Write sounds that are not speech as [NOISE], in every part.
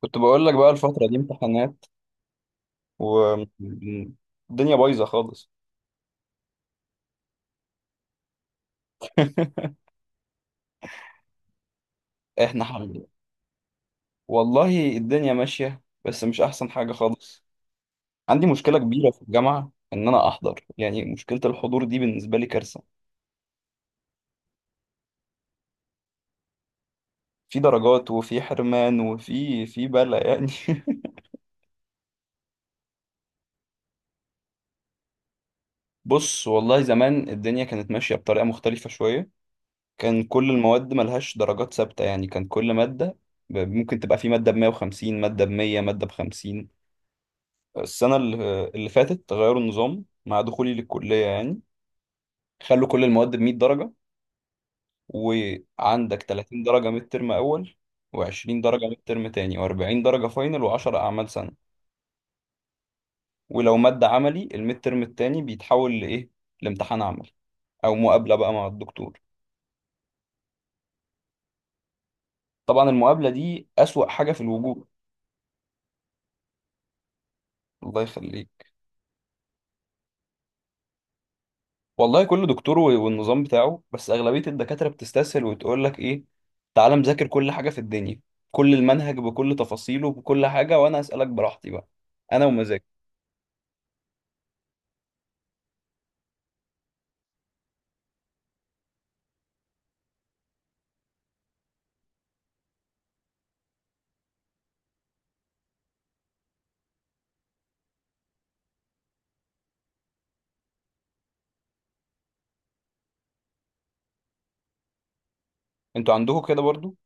كنت بقول لك بقى الفترة دي امتحانات، والدنيا بايظة خالص. [LAUGHS] احنا حل. والله الدنيا ماشية، بس مش أحسن حاجة خالص. عندي مشكلة كبيرة في الجامعة إن أنا أحضر، يعني مشكلة الحضور دي بالنسبة لي كارثة. في درجات وفي حرمان وفي بلا يعني. [LAUGHS] بص، والله زمان الدنيا كانت ماشية بطريقة مختلفة شوية. كان كل المواد ملهاش درجات ثابتة، يعني كان كل مادة ممكن تبقى في مادة ب 150، مادة ب 100، مادة ب 50. فالسنة اللي فاتت غيروا النظام مع دخولي للكلية، يعني خلوا كل المواد ب 100 درجة. وعندك 30 درجة ميد ترم أول، و20 درجة ميد ترم تاني، و40 درجة فاينل، و10 أعمال سنة. ولو مادة عملي، الميد ترم التاني بيتحول لإيه؟ لامتحان عملي أو مقابلة بقى مع الدكتور. طبعا المقابلة دي أسوأ حاجة في الوجود. الله يخليك. والله كل دكتور والنظام بتاعه، بس أغلبية الدكاترة بتستسهل وتقول لك إيه، تعالى مذاكر كل حاجة في الدنيا، كل المنهج بكل تفاصيله بكل حاجة، وأنا أسألك براحتي بقى، أنا ومزاجي. أنتوا عندكم كده برضو؟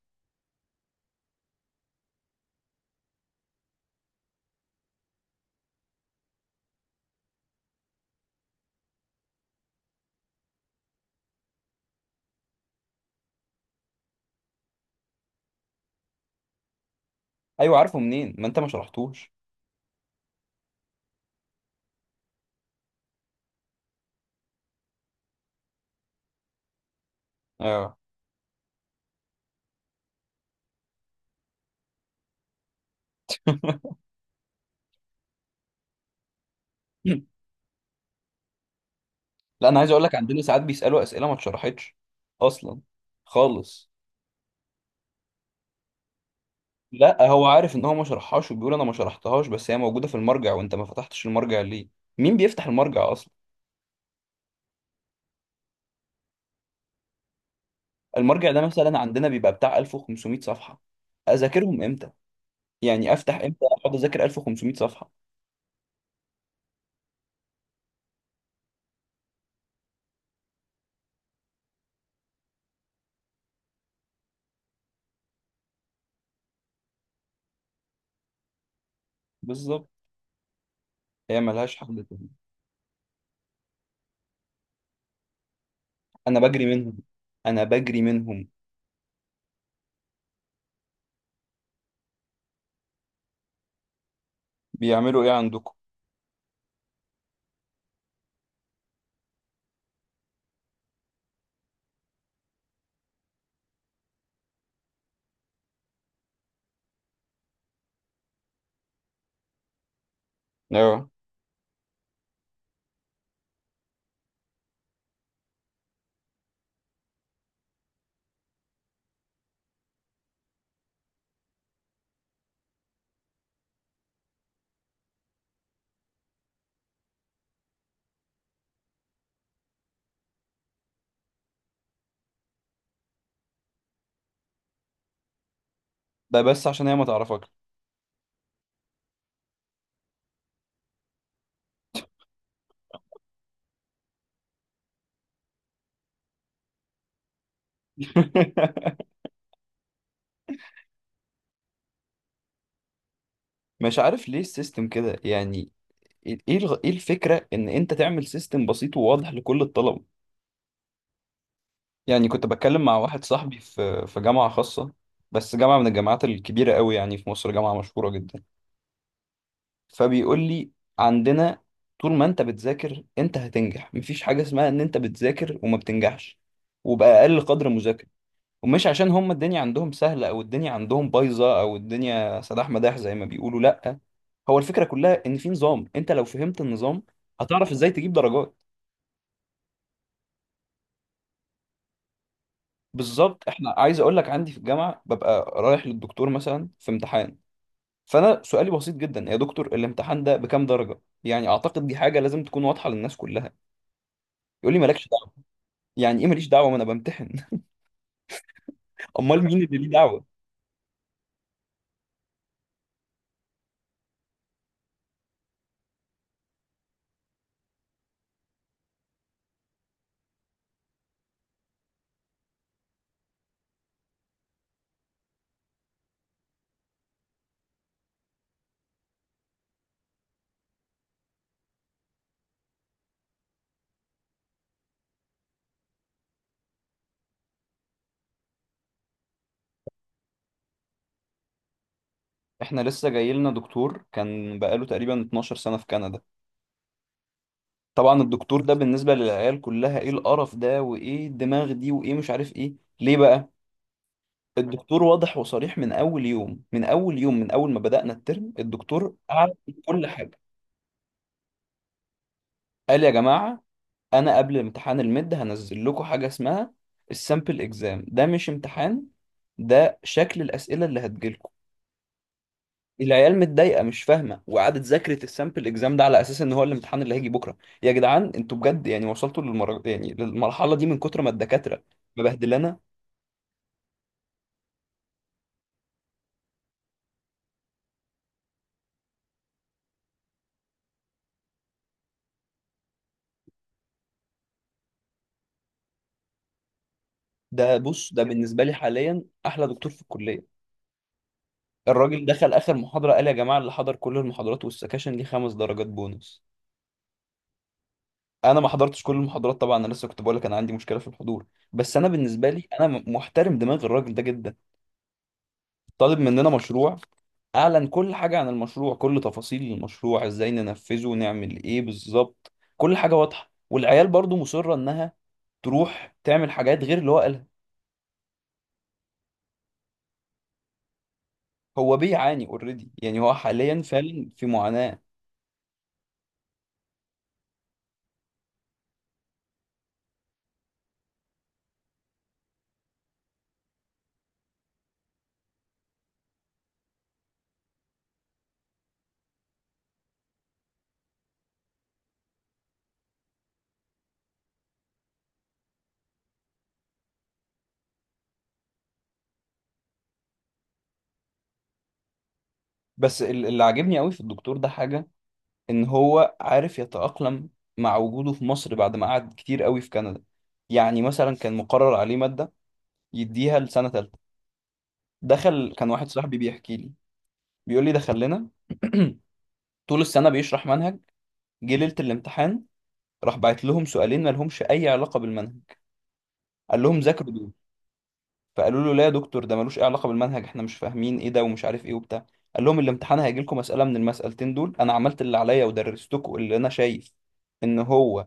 أيوة، عارفه منين؟ ما أنت ما شرحتوش. آه. [CLEARS THROAT] لا، أنا عايز أقول لك عندنا ساعات بيسألوا أسئلة ما اتشرحتش أصلا خالص. لا، هو عارف إن هو ما شرحهاش وبيقول أنا ما شرحتهاش، بس هي موجودة في المرجع وأنت ما فتحتش المرجع ليه؟ مين بيفتح المرجع أصلا؟ المرجع ده مثلا عندنا بيبقى بتاع 1500 صفحة. أذاكرهم إمتى؟ يعني أفتح إمتى أقعد أذاكر 1500 صفحة؟ بالظبط، هي ملهاش حل تاني. أنا بجري منهم، أنا بجري منهم. بيعملوا إيه عندكم؟ اه، ده بس عشان هي ما تعرفك. [LAUGHS] مش عارف ليه السيستم كده يعني. إيه الفكرة إن أنت تعمل سيستم بسيط وواضح لكل الطلبة. يعني كنت بتكلم مع واحد صاحبي في جامعة خاصة، بس جامعة من الجامعات الكبيرة قوي يعني في مصر، جامعة مشهورة جدا. فبيقول لي عندنا طول ما انت بتذاكر انت هتنجح، مفيش حاجة اسمها ان انت بتذاكر وما بتنجحش، وبأقل قدر مذاكرة. ومش عشان هم الدنيا عندهم سهلة او الدنيا عندهم بايظة او الدنيا سداح مداح زي ما بيقولوا، لا. هو الفكرة كلها ان في نظام، انت لو فهمت النظام هتعرف ازاي تجيب درجات. بالظبط احنا عايز اقول لك، عندي في الجامعة ببقى رايح للدكتور مثلا في امتحان، فانا سؤالي بسيط جدا، يا دكتور الامتحان ده بكام درجة؟ يعني اعتقد دي حاجة لازم تكون واضحة للناس كلها. يقول لي مالكش. يعني ايه ماليش دعوه؟ ما انا بمتحن. [LAUGHS] امال مين اللي ليه دعوه؟ احنا لسه جاي لنا دكتور كان بقاله تقريبا 12 سنه في كندا. طبعا الدكتور ده بالنسبه للعيال كلها، ايه القرف ده وايه الدماغ دي وايه مش عارف ايه. ليه بقى؟ الدكتور واضح وصريح من اول يوم، من اول يوم، من اول ما بدانا الترم الدكتور قعد في كل حاجه. قال يا جماعه، انا قبل امتحان المد هنزل لكم حاجه اسمها السامبل اكزام، ده مش امتحان، ده شكل الاسئله اللي هتجيلكم. العيال متضايقه مش فاهمه، وقعدت ذاكرت السامبل اكزام ده على اساس ان هو الامتحان اللي هيجي بكره. يا جدعان، انتوا بجد يعني وصلتوا يعني للمرحله دي من كتر ما الدكاتره مبهدلانا. ده بص، ده بالنسبه لي حاليا احلى دكتور في الكليه. الراجل دخل اخر محاضره قال يا جماعه، اللي حضر كل المحاضرات والسكاشن ليه 5 درجات بونص. انا ما حضرتش كل المحاضرات طبعا، انا لسه كنت بقول لك انا عندي مشكله في الحضور، بس انا بالنسبه لي انا محترم دماغ الراجل ده جدا. طالب مننا مشروع، اعلن كل حاجه عن المشروع، كل تفاصيل المشروع، ازاي ننفذه، نعمل ايه بالظبط، كل حاجه واضحه. والعيال برضو مصره انها تروح تعمل حاجات غير اللي هو قالها. هو بيعاني اوريدي، يعني هو حاليا فعلا في معاناه. بس اللي عاجبني قوي في الدكتور ده حاجه، ان هو عارف يتاقلم مع وجوده في مصر بعد ما قعد كتير قوي في كندا. يعني مثلا كان مقرر عليه ماده يديها لسنه ثالثه. دخل، كان واحد صاحبي بيحكي لي، بيقول لي دخل لنا [CLEARS THROAT] طول السنة بيشرح منهج. جه ليلة الامتحان راح بعت لهم سؤالين ما لهمش أي علاقة بالمنهج. قال لهم ذاكروا دول. فقالوا له لا يا دكتور، ده ملوش أي علاقة بالمنهج، احنا مش فاهمين إيه ده ومش عارف إيه وبتاع. قال لهم الامتحان هيجي لكم مسألة من المسألتين دول، أنا عملت اللي عليا ودرستكم اللي أنا شايف إن هو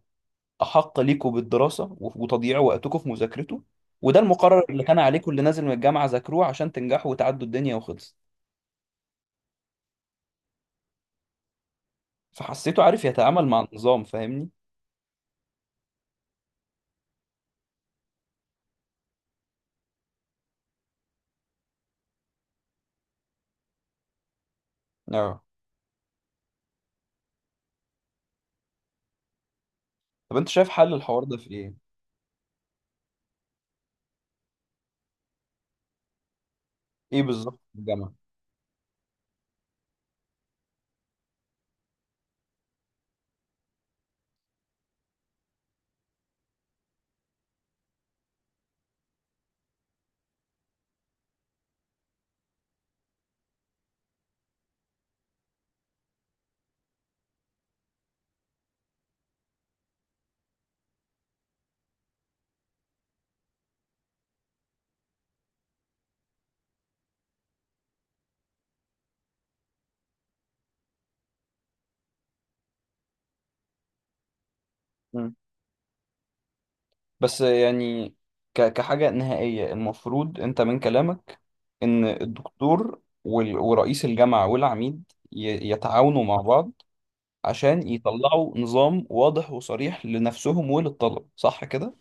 أحق ليكم بالدراسة وتضييع وقتكم في مذاكرته، وده المقرر اللي كان عليكم اللي نازل من الجامعة، ذاكروه عشان تنجحوا وتعدوا الدنيا وخلص. فحسيته عارف يتعامل مع النظام، فاهمني؟ اه. طب أنت شايف حل الحوار ده في إيه؟ إيه بالظبط في الجامعة؟ مم. بس يعني كحاجة نهائية المفروض أنت من كلامك إن الدكتور ورئيس الجامعة والعميد يتعاونوا مع بعض عشان يطلعوا نظام واضح وصريح لنفسهم وللطلب، صح كده؟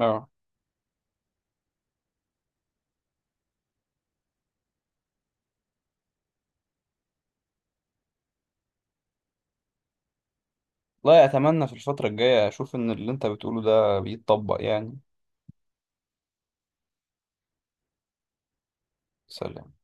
اه. والله أتمنى في الفترة الجاية أشوف إن اللي أنت بتقوله ده بيتطبق يعني. سلام.